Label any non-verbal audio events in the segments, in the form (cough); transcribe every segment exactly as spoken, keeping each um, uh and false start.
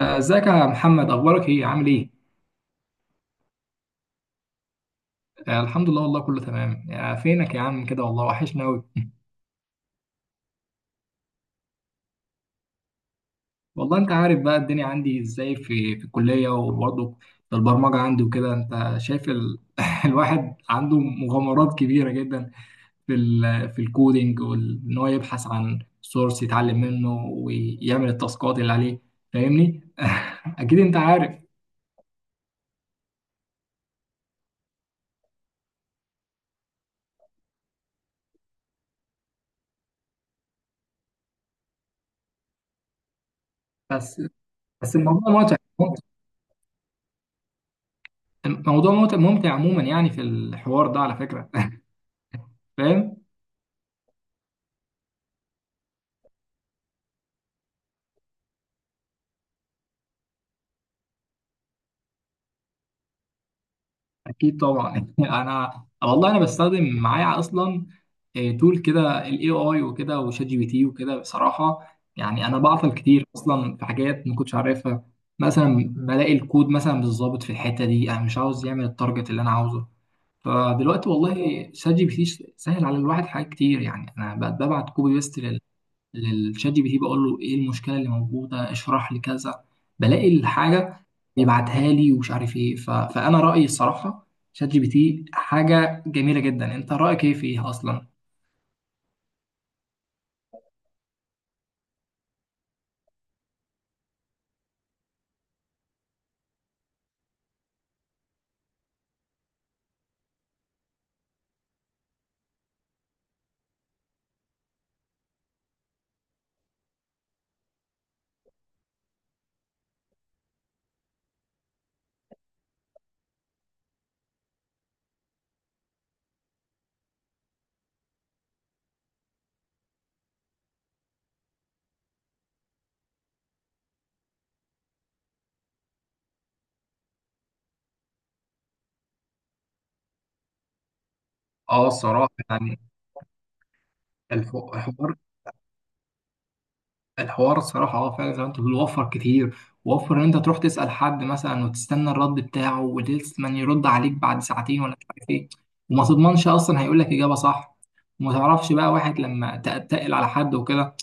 آه، ازيك يا محمد، اخبارك ايه، عامل ايه؟ آه، الحمد لله والله كله تمام. آه، فينك يا عم كده؟ والله وحشنا قوي. والله انت عارف بقى الدنيا عندي ازاي في في الكليه، وبرضه في البرمجه عندي وكده. انت شايف ال... (laughs) الواحد عنده مغامرات كبيره جدا في ال... في الكودينج، وان هو يبحث عن سورس يتعلم منه ويعمل التاسكات اللي عليه. فاهمني؟ (laughs) اكيد انت عارف. بس بس الموضوع ممتع الموضوع ممتع ممتع عموما يعني في الحوار ده على فكره. (laughs) فاهم. اكيد طبعا. (laughs) انا والله انا بستخدم معايا اصلا. آه، تول كده الاي اي وكده، وشات جي بي تي وكده بصراحه. يعني انا بعطل كتير اصلا في حاجات ما كنتش عارفها. مثلا بلاقي الكود مثلا مش ظابط في الحته دي، انا مش عاوز يعمل التارجت اللي انا عاوزه. فدلوقتي والله شات جي بي تي سهل على الواحد حاجات كتير. يعني انا بقت ببعت كوبي بيست للشات جي بي تي بقول له ايه المشكله اللي موجوده، اشرح لي كذا. بلاقي الحاجه بيبعتها لي ومش عارف ايه ف... فانا رايي الصراحه شات جي بي تي حاجه جميله جدا. انت رايك ايه فيها اصلا؟ اه الصراحه يعني الحوار. الحوار الصراحه اه فعلا زي ما انت بتقول، وفر كتير. وفر ان انت تروح تسال حد مثلا وتستنى الرد بتاعه ولسه يرد عليك بعد ساعتين ولا مش عارف ايه، وما تضمنش اصلا هيقول لك اجابه صح، وما تعرفش بقى واحد لما تتقل على حد وكده.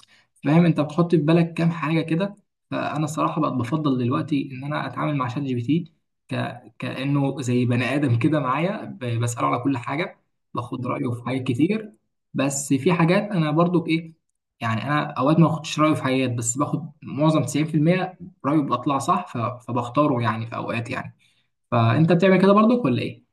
فاهم، انت بتحط في بالك كام حاجه كده. فانا الصراحه بقت بفضل دلوقتي ان انا اتعامل مع شات جي بي تي ك... كانه زي بني ادم كده معايا، ب... بساله على كل حاجه. باخد رايه في حاجات كتير. بس في حاجات انا برضو ايه، يعني انا اوقات ما باخدش رايه في حاجات، بس باخد معظم تسعين في المية رايه بطلع صح. ف... فبختاره يعني في اوقات يعني. فانت بتعمل كده برضو ولا ايه؟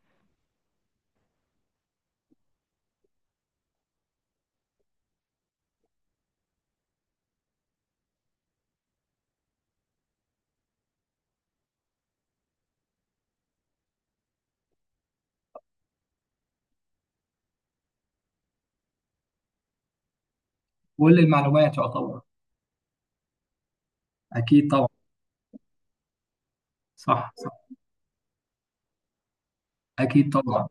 كل المعلومات يعتبر. اكيد طبعا. صح صح. اكيد طبعا.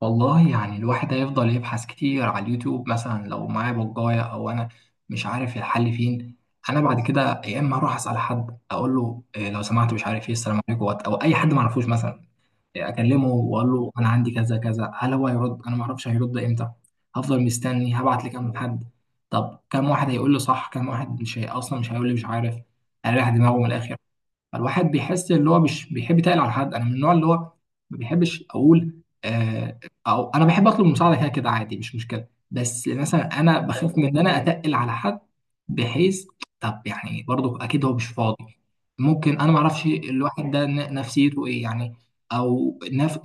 والله يعني الواحد هيفضل يبحث كتير على اليوتيوب مثلا لو معايا بجاية، او انا مش عارف الحل فين. انا بعد كده يا اما اروح اسال حد اقول له إيه لو سمحت، مش عارف ايه، السلام عليكم وات- او اي حد ما اعرفوش مثلا. إيه، اكلمه واقول له انا عندي كذا كذا، هل هو هيرد، انا ما اعرفش هيرد امتى. هفضل مستني، هبعت لكام حد. طب كام واحد هيقول لي صح، كام واحد مش هي... اصلا مش هيقول لي مش عارف. اريح دماغه من الاخر. فالواحد بيحس ان هو مش بيحب يتقل على حد. انا من النوع اللي هو ما بيحبش اقول آه، او انا بحب اطلب المساعده كده كده عادي مش مشكله، بس مثلا انا بخاف من ان انا اتقل على حد. بحيث طب يعني برضو اكيد هو مش فاضي، ممكن انا ما اعرفش الواحد ده ن- نفسيته ايه يعني، او نف...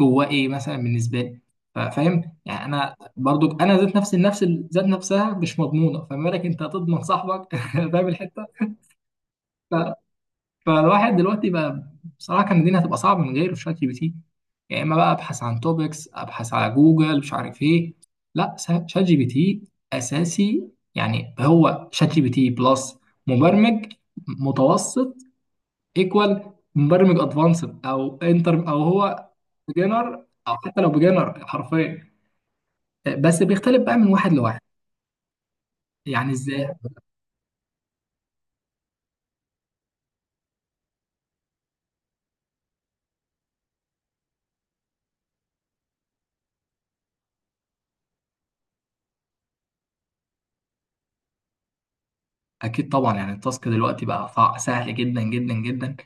جواه ايه مثلا بالنسبه لي. ف- فاهم يعني، انا برضو انا ذات نفسي النفس ذات نفسها مش مضمونه، فما بالك انت هتضمن صاحبك. (laughs) فاهم الحته. فالواحد دلوقتي بقى بصراحه كان الدنيا هتبقى صعبه من غير شات جي بي تي. يا اما بقى ابحث عن توبكس، ابحث على جوجل، مش عارف ايه. لا، سا- شات جي بي تي اساسي. يعني هو شات جي بي تي بلس مبرمج متوسط ايكوال مبرمج ادفانسد، او انتر، او هو بيجنر، او حتى لو بيجنر حرفيا. بس بيختلف بقى من واحد لواحد. يعني ازاي. اكيد طبعا. يعني التاسك دلوقتي بقى ف- سهل جدا جدا جدا.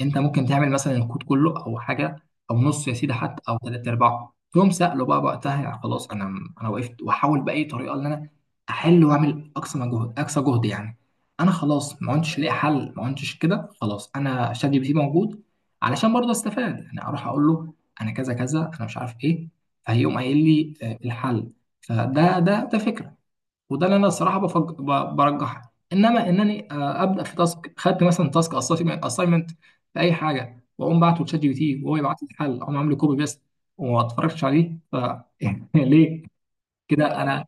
انت ممكن تعمل مثلا الكود كله او حاجه، او نص يا سيدي حتى، او ثلاث ارباعه تقوم سأله بقى وقتها. يعني خلاص، انا انا وقفت واحاول باي طريقه ان انا احل واعمل اقصى مجهود اقصى جهد يعني. انا خلاص ما كنتش لاقي حل، ما كنتش كده خلاص، انا شات جي بي تي موجود علشان برضه استفاد. يعني اروح اقول له انا كذا كذا، انا مش عارف ايه، فهيقوم قايل لي آه، الحل. فده ده ده فكره. وده اللي انا الصراحه بفج... ب- برجحها، انما انني آه، ابدا في تاسك، خدت مثلا تاسك اسايمنت في اي حاجه واقوم بعته لشات جي بي تي، وهو يبعت لي الحل، اقوم عامل كوبي بيست وما اتفرجتش عليه ف (laughs) ليه. كده انا.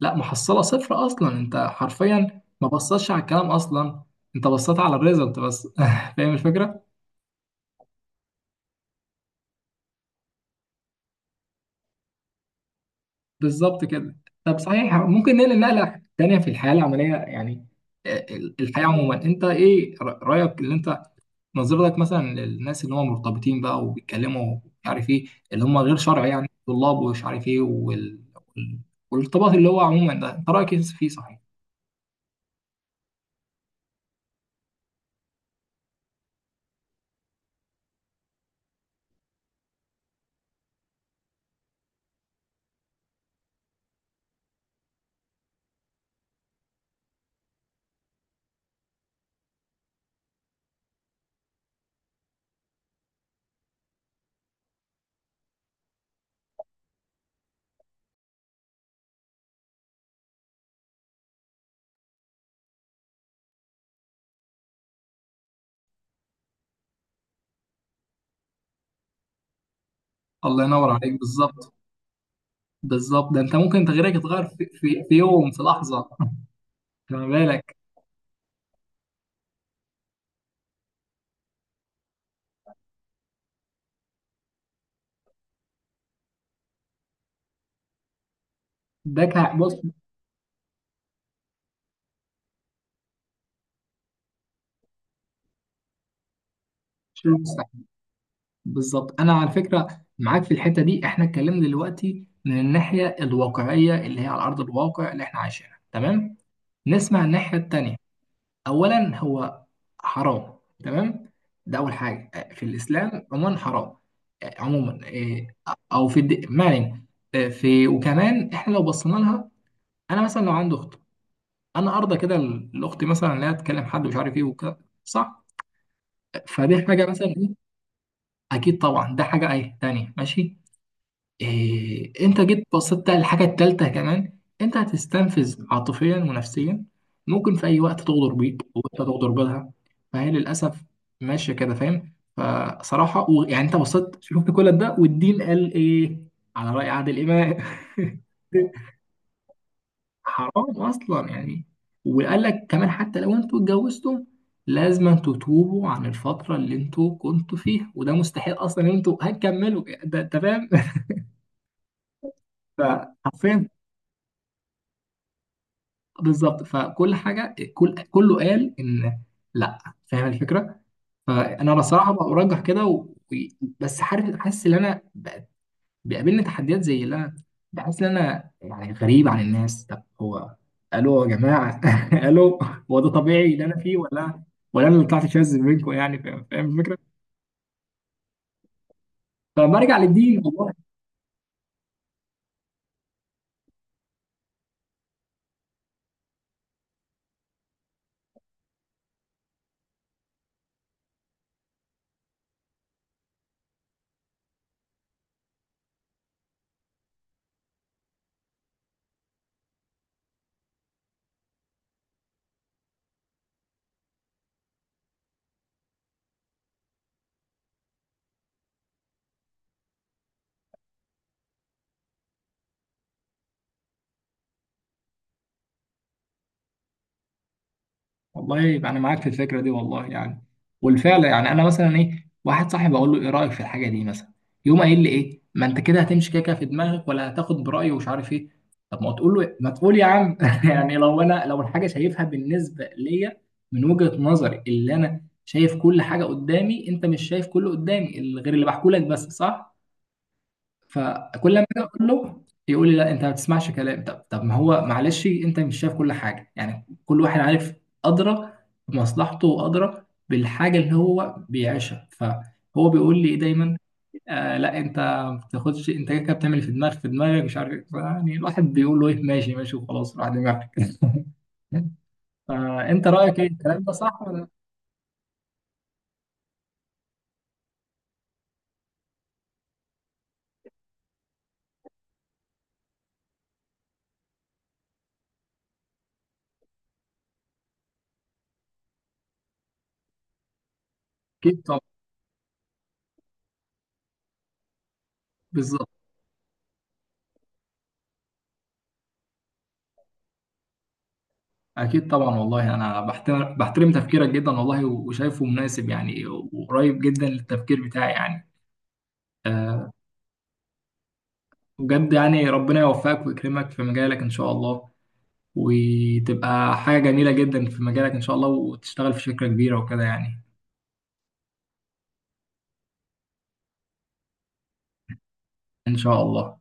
لا، محصله صفر اصلا، انت حرفيا ما بصتش على الكلام اصلا، انت بصيت على الريزلت بس. (laughs) فاهم الفكره. بالظبط كده. طب صحيح ممكن ننقل نقله تانيه في الحياه العمليه يعني، آه، الحياه عموما. انت ايه رايك، اللي انت نظرتك مثلا للناس اللي هم مرتبطين بقى وبيتكلموا مش عارف ايه، اللي هم غير شرعي يعني طلاب ومش عارف ايه وال... وال... والارتباط اللي هو عموما ده، انت رايك إيه فيه صحيح؟ الله ينور عليك. بالظبط. بالظبط ده انت ممكن تغييرك يتغير في, في, في يوم، في لحظه. (laughs) خلي بالك. ده كع- بص، شيء مستحيل. بالظبط، انا على فكره معاك في الحته دي. احنا اتكلمنا دلوقتي من الناحيه الواقعيه اللي هي على ارض الواقع اللي احنا عايشينها تمام. نسمع الناحيه التانيه. اولا هو حرام تمام، ده اول حاجه في الاسلام عموما حرام. عموما إيه، او في الد... ما علينا. إيه، في وكمان احنا لو بصينا لها، انا مثلا لو عندي اخت، انا ارضى كده الاخت مثلا لا تكلم حد مش عارف ايه وكده صح؟ فدي حاجه مثلا ايه. اكيد طبعا. ده حاجه ايه تانية ماشي. إيه انت جيت بصيت على الحاجة التالتة كمان. انت هتستنفذ عاطفيا ونفسيا. ممكن في اي وقت تغدر بيك او انت تغدر بيها، فهي للاسف ماشية كده فاهم. فصراحة و- يعني انت بصيت شفت كل ده، والدين قال ايه على رأي عادل امام. (laughs) حرام اصلا يعني. وقال لك كمان حتى لو انتوا اتجوزتم، لازم تتوبوا عن الفترة اللي انتوا كنتوا فيها، وده مستحيل اصلا ان انتوا هتكملوا ده. انت فاهم. (laughs) فحرفيا. بالظبط. فكل حاجه كل كله قال ان لا. فاهم الفكره. فانا بصراحه برجح كده و... و- بس عارف حاسس ان انا ب- بيقابلني تحديات زي اللي انا بحس ان انا يعني غريب عن الناس. طب هو الو يا جماعه، (laughs) الو، هو ده طبيعي اللي انا فيه ولا ولا انا اللي طلعت شاذ منكم يعني. فاهم فاهم الفكره. فبرجع للدين والله. والله يبقى انا معاك في الفكره دي والله يعني، والفعل يعني انا مثلا ايه، واحد صاحبي اقول له ايه رايك في الحاجه دي مثلا، يقوم قايل لي ايه، ما انت كده هتمشي كده كده في دماغك ولا هتاخد برايه ومش عارف ايه. طب ما تقول له إيه؟ ما تقول يا عم. (laughs) يعني لو انا لو الحاجه شايفها بالنسبه ليا من وجهه نظري، اللي انا شايف كل حاجه قدامي، انت مش شايف كله قدامي غير اللي بحكولك بس صح. فكل ما اجي اقول له يقول لي لا انت ما بتسمعش كلام. طب طب ما هو معلش انت مش شايف كل حاجه يعني. كل واحد عارف ادرى بمصلحته وادرى بالحاجه اللي هو بيعيشها. فهو بيقول لي إيه دايما، آه لا، انت ما بتاخدش، انت كده كده بتعمل في دماغك في دماغك مش عارف إيه. يعني الواحد بيقول له ايه ماشي ماشي وخلاص راح دماغك. (laughs) فانت رايك ايه الكلام ده صح ولا. اكيد طبعا. بالظبط. أكيد طبعا. والله أنا بحترم بحترم تفكيرك جدا والله وشايفه مناسب يعني، وقريب جدا للتفكير بتاعي يعني، أه. بجد يعني، ربنا يوفقك ويكرمك في مجالك إن شاء الله، وتبقى حاجة جميلة جدا في مجالك إن شاء الله، وتشتغل في شركة كبيرة وكده يعني. إن شاء الله.